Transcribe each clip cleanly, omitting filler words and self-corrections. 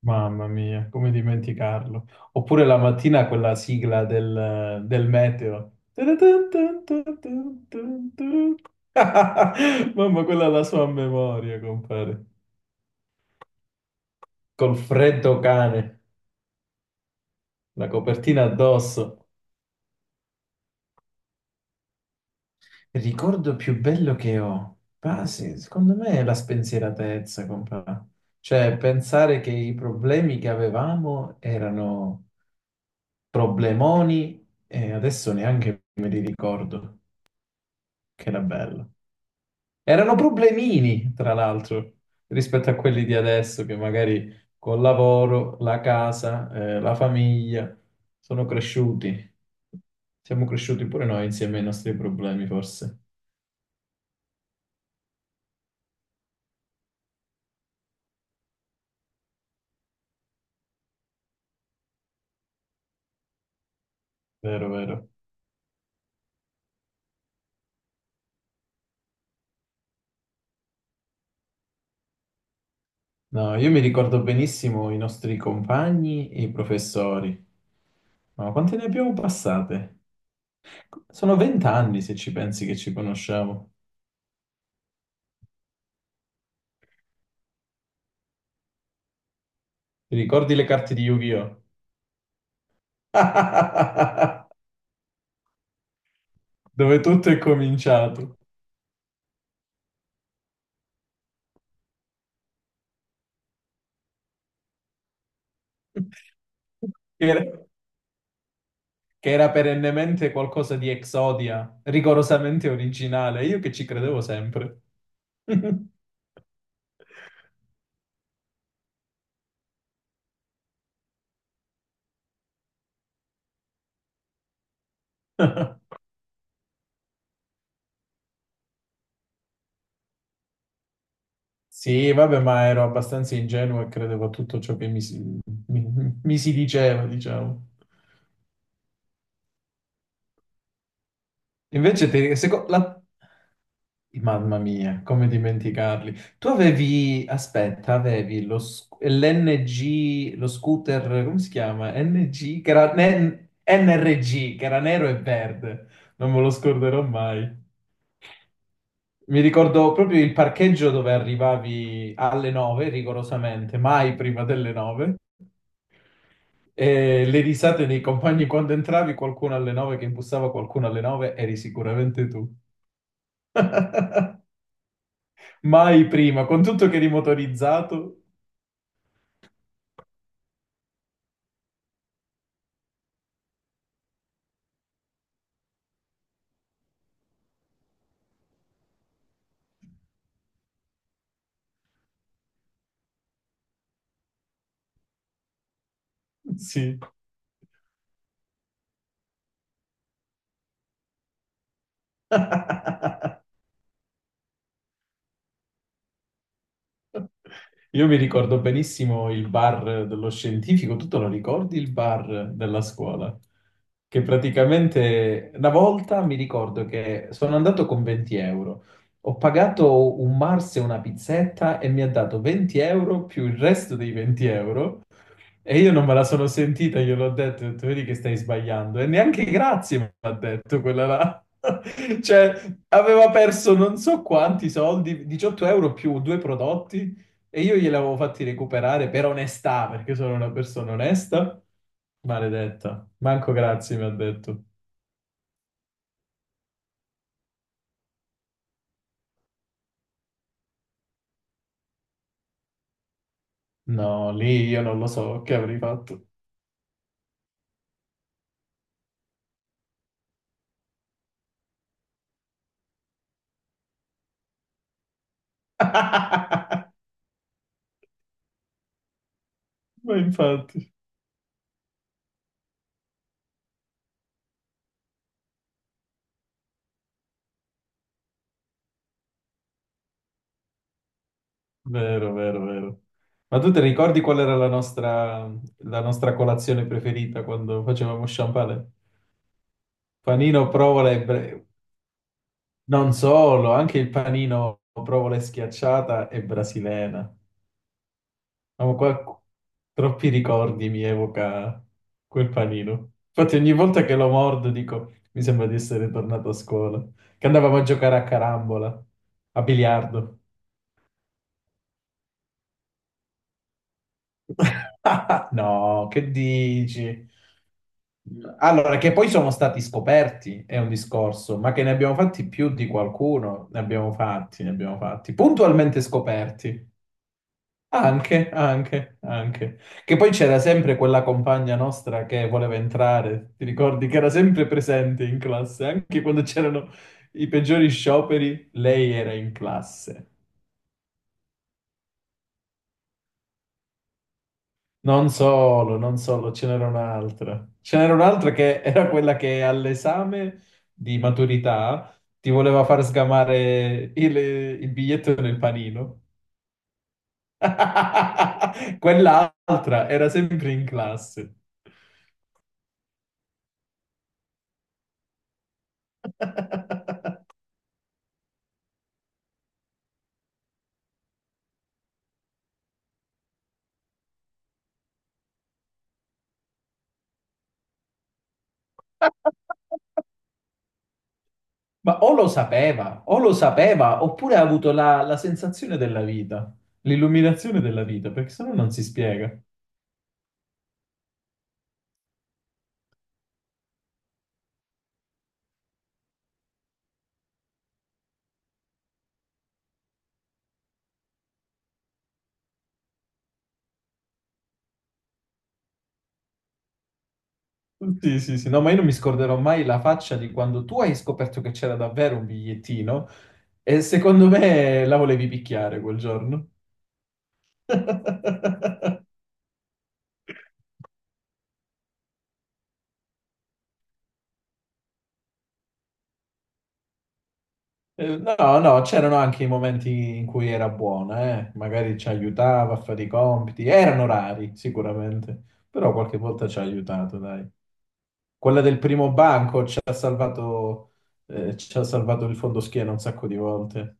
Mamma mia, come dimenticarlo. Oppure la mattina quella sigla del meteo. Mamma, quella è la sua memoria, compare. Col freddo cane, la copertina addosso. Il ricordo più bello che ho. Ah, sì, secondo me è la spensieratezza, compare. Cioè, pensare che i problemi che avevamo erano problemoni e adesso neanche me li ricordo. Che era bello. Erano problemini, tra l'altro, rispetto a quelli di adesso che magari col lavoro, la casa, la famiglia sono cresciuti. Siamo cresciuti pure noi insieme ai nostri problemi, forse. Vero, vero. No, io mi ricordo benissimo i nostri compagni e i professori. Ma quante ne abbiamo passate? Sono 20 anni se ci pensi che ci conosciamo. Ti ricordi le carte di Yu-Gi-Oh? Dove tutto è cominciato. che era, che era perennemente qualcosa di Exodia, rigorosamente originale, io che ci credevo sempre. Sì, vabbè, ma ero abbastanza ingenuo e credevo a tutto ciò che mi si diceva, diciamo. Invece, te, seco- la, Mamma mia, come dimenticarli. Tu avevi, aspetta, avevi l'NG, lo scooter, come si chiama? NG, NRG, che era nero e verde. Non me lo scorderò mai. Mi ricordo proprio il parcheggio dove arrivavi alle 9, rigorosamente, mai prima delle 9. E le risate dei compagni quando entravi, qualcuno alle 9 che imbussava qualcuno alle 9, eri sicuramente tu. Mai prima, con tutto che eri motorizzato. Sì. Io mi ricordo benissimo il bar dello scientifico, tu te lo ricordi il bar della scuola? Che praticamente una volta mi ricordo che sono andato con 20 euro, ho pagato un Mars e una pizzetta e mi ha dato 20 euro più il resto dei 20 euro. E io non me la sono sentita, gliel'ho ho detto, vedi che stai sbagliando. E neanche grazie mi ha detto quella là. Cioè, aveva perso non so quanti soldi, 18 euro più due prodotti, e io gliel'avevo fatti recuperare per onestà, perché sono una persona onesta. Maledetta, manco grazie mi ha detto. No, lì io non lo so che avrei fatto. Ma infatti. Vero, vero, vero. Ma tu ti ricordi qual era la nostra colazione preferita quando facevamo sciampale? Panino, provola e... bre- Non solo, anche il panino, provola e schiacciata e brasilena. Ma qua troppi ricordi mi evoca quel panino. Infatti ogni volta che lo mordo dico, mi sembra di essere tornato a scuola. Che andavamo a giocare a carambola, a biliardo. No, che dici? Allora, che poi sono stati scoperti è un discorso, ma che ne abbiamo fatti più di qualcuno, ne abbiamo fatti, puntualmente scoperti. Anche, anche, anche. Che poi c'era sempre quella compagna nostra che voleva entrare, ti ricordi che era sempre presente in classe, anche quando c'erano i peggiori scioperi, lei era in classe. Non solo, non solo, ce n'era un'altra. Ce n'era un'altra che era quella che all'esame di maturità ti voleva far sgamare il biglietto nel panino. Quell'altra era sempre in classe. Ma o lo sapeva, oppure ha avuto la sensazione della vita, l'illuminazione della vita, perché sennò non si spiega. Sì, sì, sì, no, ma io non mi scorderò mai la faccia di quando tu hai scoperto che c'era davvero un bigliettino e secondo me la volevi picchiare quel giorno. No, no, c'erano anche i momenti in cui era buona, eh. Magari ci aiutava a fare i compiti, erano rari sicuramente, però qualche volta ci ha aiutato, dai. Quella del primo banco ci ha salvato il fondoschiena un sacco di volte.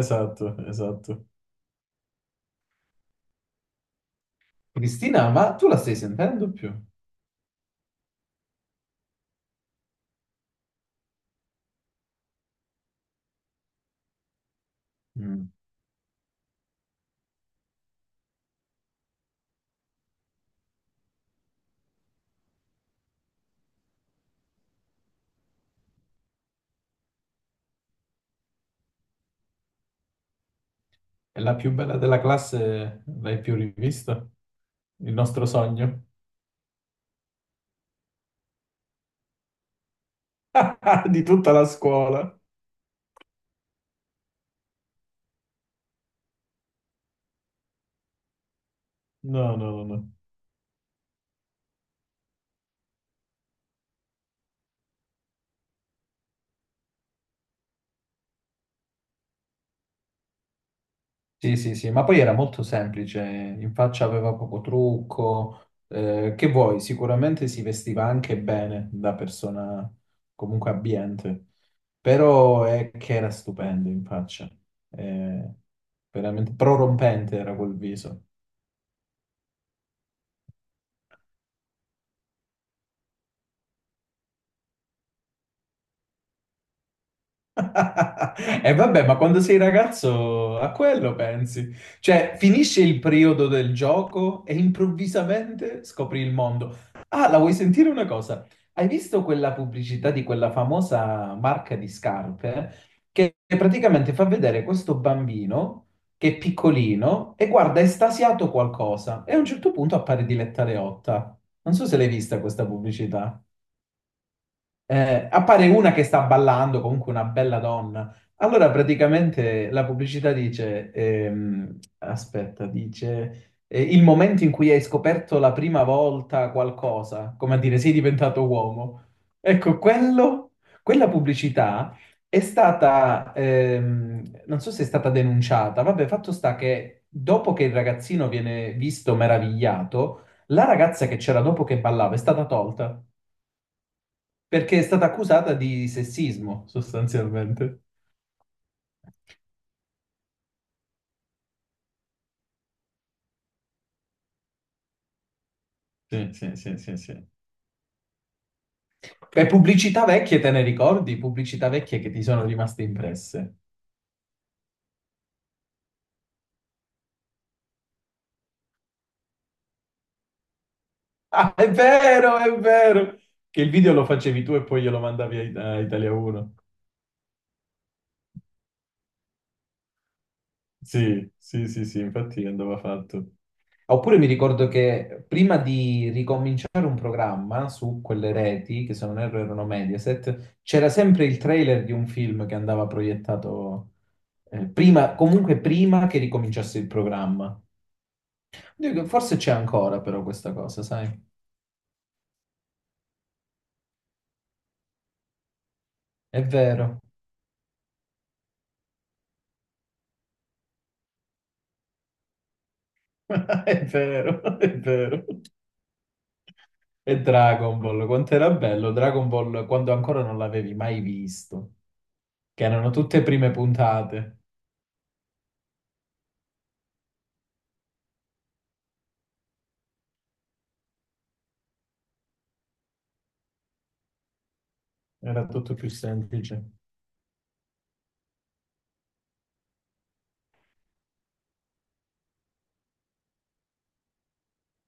Esatto, esatto. Cristina, ma tu la stai sentendo più? Mm. È la più bella della classe, l'hai più rivista? Il nostro sogno? Di tutta la scuola? No, no, no, no. Sì, sì, sì, ma poi era molto semplice, in faccia aveva poco trucco, che vuoi, sicuramente si vestiva anche bene da persona comunque abbiente, però è che era stupendo in faccia, Eh, veramente prorompente era quel viso. E vabbè, ma quando sei ragazzo a quello pensi. Cioè, finisce il periodo del gioco e improvvisamente scopri il mondo. Ah, la vuoi sentire una cosa? Hai visto quella pubblicità di quella famosa marca di scarpe che praticamente fa vedere questo bambino che è piccolino e guarda estasiato qualcosa e a un certo punto appare Diletta Leotta. Non so se l'hai vista questa pubblicità. Appare una che sta ballando, comunque una bella donna. Allora praticamente la pubblicità dice, aspetta, dice il momento in cui hai scoperto la prima volta qualcosa, come a dire sei diventato uomo. Ecco, quello, quella pubblicità è stata, non so se è stata denunciata, vabbè, fatto sta che dopo che il ragazzino viene visto meravigliato, la ragazza che c'era dopo che ballava è stata tolta perché è stata accusata di sessismo, sostanzialmente. Sì, sì, sì, sì, sì. E pubblicità vecchie te ne ricordi? Pubblicità vecchie che ti sono rimaste impresse. Ah, è vero, è vero. Che il video lo facevi tu e poi glielo mandavi a Italia 1. Sì, sì, sì, sì, infatti andava fatto. Oppure mi ricordo che prima di ricominciare un programma su quelle reti, che se non erro erano Mediaset, c'era sempre il trailer di un film che andava proiettato prima, comunque prima che ricominciasse il programma. Dico, forse c'è ancora però questa cosa, sai? È vero, è vero, è vero. E Dragon Ball, quanto era bello Dragon Ball quando ancora non l'avevi mai visto, che erano tutte prime puntate, era tutto più semplice.